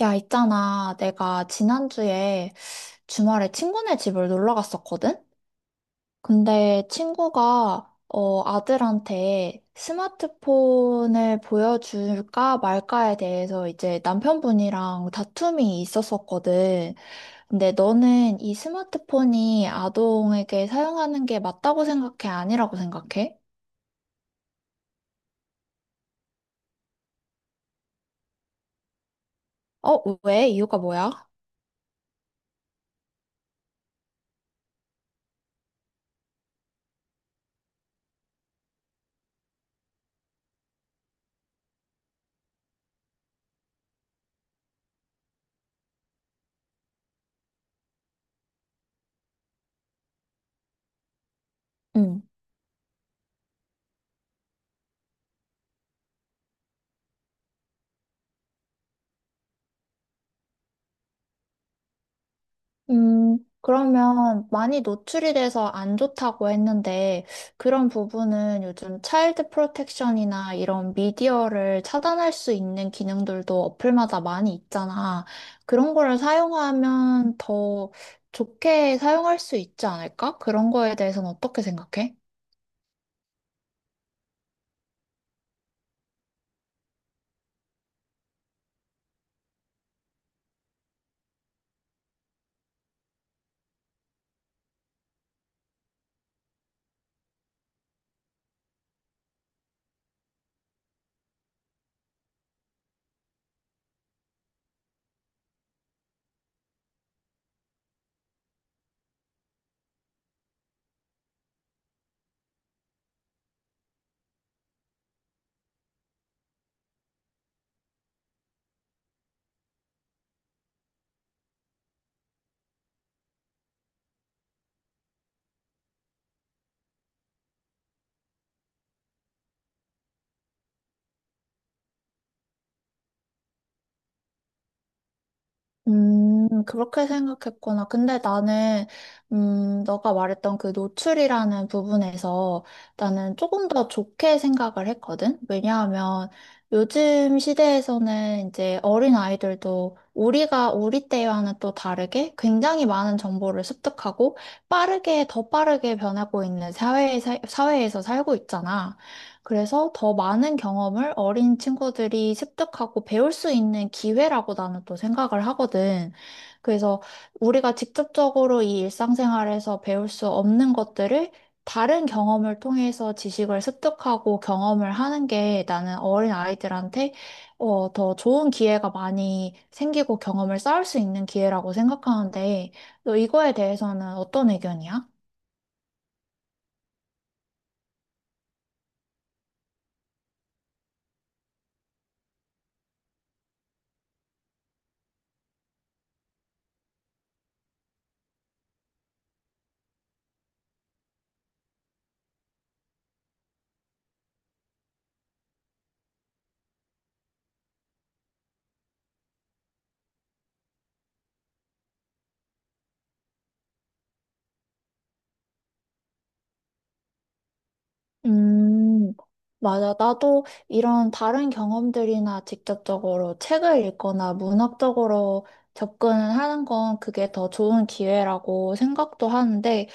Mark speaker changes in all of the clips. Speaker 1: 야, 있잖아. 내가 지난주에 주말에 친구네 집을 놀러 갔었거든? 근데 친구가, 아들한테 스마트폰을 보여줄까 말까에 대해서 이제 남편분이랑 다툼이 있었었거든. 근데 너는 이 스마트폰이 아동에게 사용하는 게 맞다고 생각해? 아니라고 생각해? 어, 왜? 이유가 뭐야? 응. 그러면 많이 노출이 돼서 안 좋다고 했는데 그런 부분은 요즘 차일드 프로텍션이나 이런 미디어를 차단할 수 있는 기능들도 어플마다 많이 있잖아. 그런 거를 사용하면 더 좋게 사용할 수 있지 않을까? 그런 거에 대해서는 어떻게 생각해? 그렇게 생각했구나. 근데 나는, 너가 말했던 그 노출이라는 부분에서 나는 조금 더 좋게 생각을 했거든? 왜냐하면 요즘 시대에서는 이제 어린 아이들도 우리가, 우리 때와는 또 다르게 굉장히 많은 정보를 습득하고 빠르게, 더 빠르게 변하고 있는 사회에, 사회에서 살고 있잖아. 그래서 더 많은 경험을 어린 친구들이 습득하고 배울 수 있는 기회라고 나는 또 생각을 하거든. 그래서 우리가 직접적으로 이 일상생활에서 배울 수 없는 것들을 다른 경험을 통해서 지식을 습득하고 경험을 하는 게 나는 어린 아이들한테 더 좋은 기회가 많이 생기고 경험을 쌓을 수 있는 기회라고 생각하는데, 너 이거에 대해서는 어떤 의견이야? 음, 맞아. 나도 이런 다른 경험들이나 직접적으로 책을 읽거나 문학적으로 접근을 하는 건 그게 더 좋은 기회라고 생각도 하는데,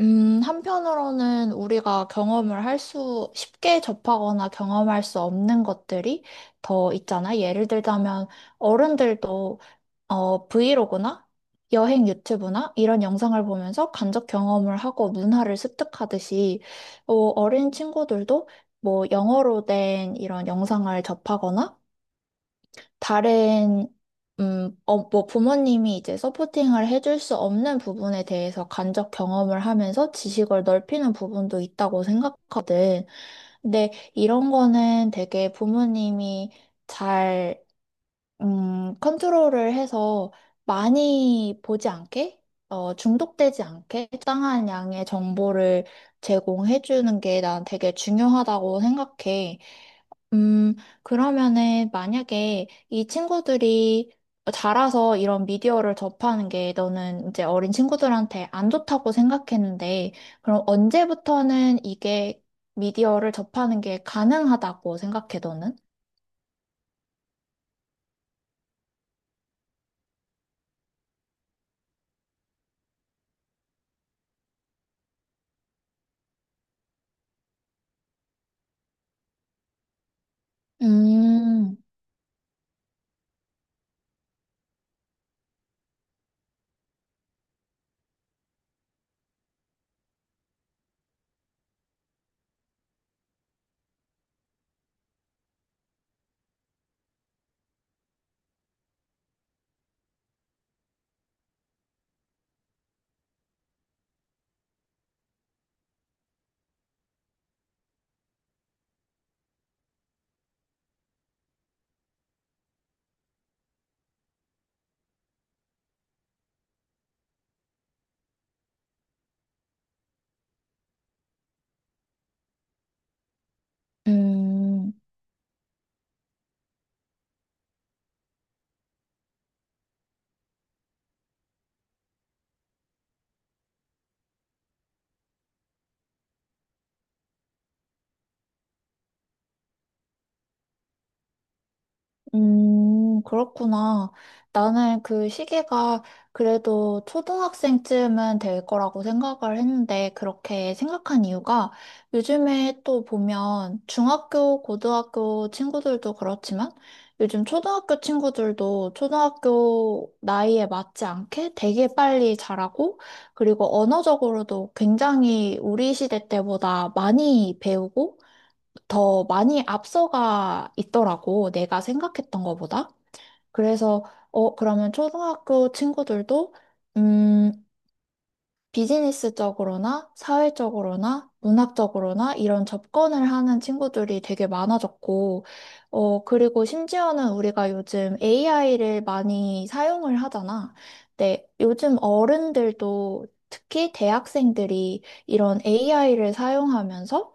Speaker 1: 한편으로는 우리가 경험을 할 수, 쉽게 접하거나 경험할 수 없는 것들이 더 있잖아. 예를 들자면, 어른들도 브이로그나 여행 유튜브나 이런 영상을 보면서 간접 경험을 하고 문화를 습득하듯이 어린 친구들도 뭐 영어로 된 이런 영상을 접하거나 다른 뭐 부모님이 이제 서포팅을 해줄 수 없는 부분에 대해서 간접 경험을 하면서 지식을 넓히는 부분도 있다고 생각하거든. 근데 이런 거는 되게 부모님이 잘 컨트롤을 해서 많이 보지 않게, 중독되지 않게 적당한 양의 정보를 제공해 주는 게 난 되게 중요하다고 생각해. 음, 그러면은 만약에 이 친구들이 자라서 이런 미디어를 접하는 게 너는 이제 어린 친구들한테 안 좋다고 생각했는데, 그럼 언제부터는 이게 미디어를 접하는 게 가능하다고 생각해, 너는? 음, 음. 그렇구나. 나는 그 시기가 그래도 초등학생쯤은 될 거라고 생각을 했는데, 그렇게 생각한 이유가 요즘에 또 보면 중학교, 고등학교 친구들도 그렇지만, 요즘 초등학교 친구들도 초등학교 나이에 맞지 않게 되게 빨리 자라고, 그리고 언어적으로도 굉장히 우리 시대 때보다 많이 배우고, 더 많이 앞서가 있더라고, 내가 생각했던 것보다. 그래서, 그러면 초등학교 친구들도, 음, 비즈니스적으로나 사회적으로나 문학적으로나 이런 접근을 하는 친구들이 되게 많아졌고, 그리고 심지어는 우리가 요즘 AI를 많이 사용을 하잖아. 네, 요즘 어른들도 특히 대학생들이 이런 AI를 사용하면서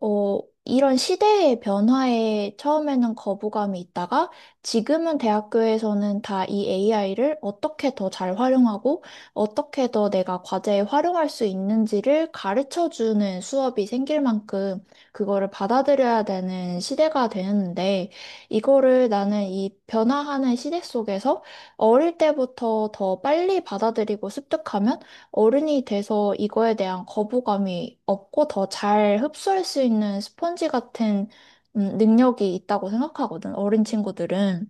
Speaker 1: 어, 이런 시대의 변화에 처음에는 거부감이 있다가 지금은 대학교에서는 다 이 AI를 어떻게 더 잘 활용하고 어떻게 더 내가 과제에 활용할 수 있는지를 가르쳐 주는 수업이 생길 만큼 그거를 받아들여야 되는 시대가 되는데 이거를 나는 이 변화하는 시대 속에서 어릴 때부터 더 빨리 받아들이고 습득하면 어른이 돼서 이거에 대한 거부감이 없고 더 잘 흡수할 수 있는 스펀지 같은 능력이 있다고 생각하거든, 어린 친구들은.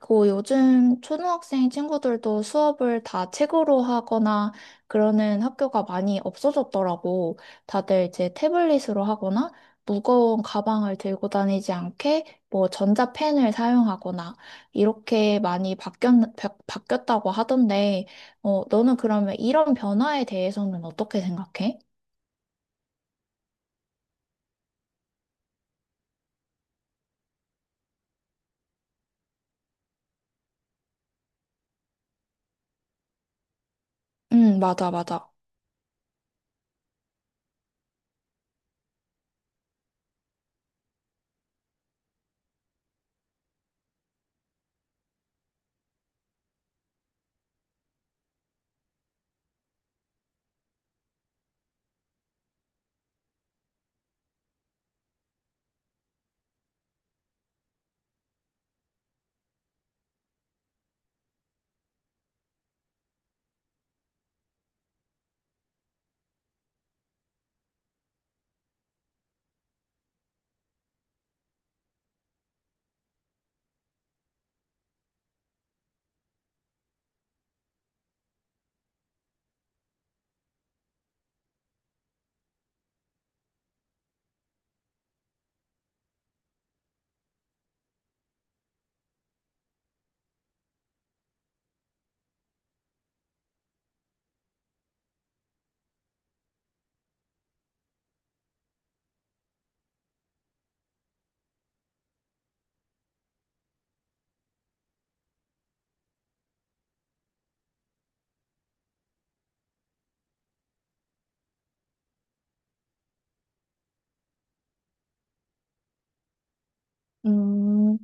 Speaker 1: 그 요즘 초등학생 친구들도 수업을 다 책으로 하거나 그러는 학교가 많이 없어졌더라고. 다들 이제 태블릿으로 하거나 무거운 가방을 들고 다니지 않게 뭐 전자펜을 사용하거나 이렇게 많이 바뀌었다고 하던데, 어, 너는 그러면 이런 변화에 대해서는 어떻게 생각해? 응, 맞아, 맞아. 음,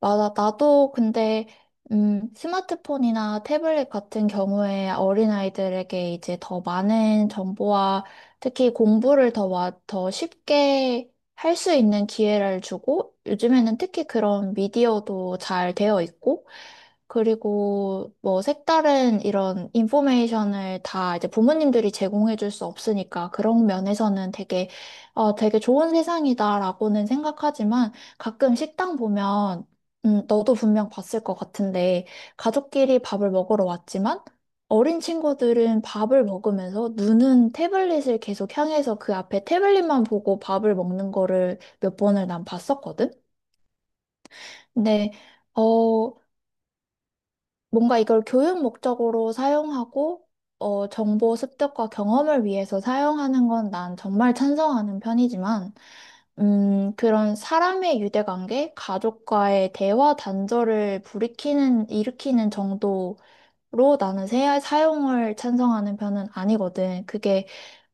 Speaker 1: 맞아. 나도 근데, 스마트폰이나 태블릿 같은 경우에 어린아이들에게 이제 더 많은 정보와 특히 공부를 더, 와, 더 쉽게 할 수 있는 기회를 주고, 요즘에는 특히 그런 미디어도 잘 되어 있고, 그리고 뭐 색다른 이런 인포메이션을 다 이제 부모님들이 제공해 줄 수 없으니까 그런 면에서는 되게, 되게 좋은 세상이다라고는 생각하지만, 가끔 식당 보면, 너도 분명 봤을 것 같은데, 가족끼리 밥을 먹으러 왔지만, 어린 친구들은 밥을 먹으면서 눈은 태블릿을 계속 향해서 그 앞에 태블릿만 보고 밥을 먹는 거를 몇 번을 난 봤었거든? 근데, 어, 뭔가 이걸 교육 목적으로 사용하고, 정보 습득과 경험을 위해서 사용하는 건 난 정말 찬성하는 편이지만, 그런 사람의 유대관계, 가족과의 대화 단절을 일으키는 정도 로 나는 사용을 찬성하는 편은 아니거든. 그게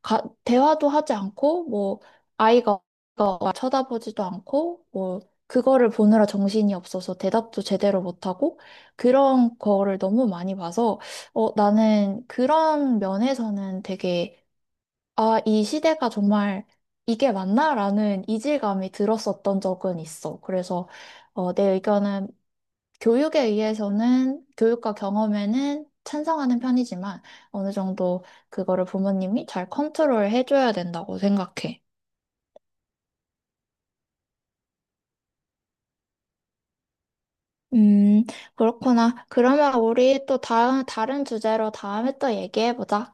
Speaker 1: 대화도 하지 않고 뭐 아이가 아이가 쳐다보지도 않고 뭐 그거를 보느라 정신이 없어서 대답도 제대로 못하고 그런 거를 너무 많이 봐서 어 나는 그런 면에서는 되게 아 이 시대가 정말 이게 맞나라는 이질감이 들었었던 적은 있어. 그래서 내 의견은 교육에 의해서는 교육과 경험에는 찬성하는 편이지만 어느 정도 그거를 부모님이 잘 컨트롤 해줘야 된다고 생각해. 음, 그렇구나. 그러면 우리 또 다음, 다른 주제로 다음에 또 얘기해보자.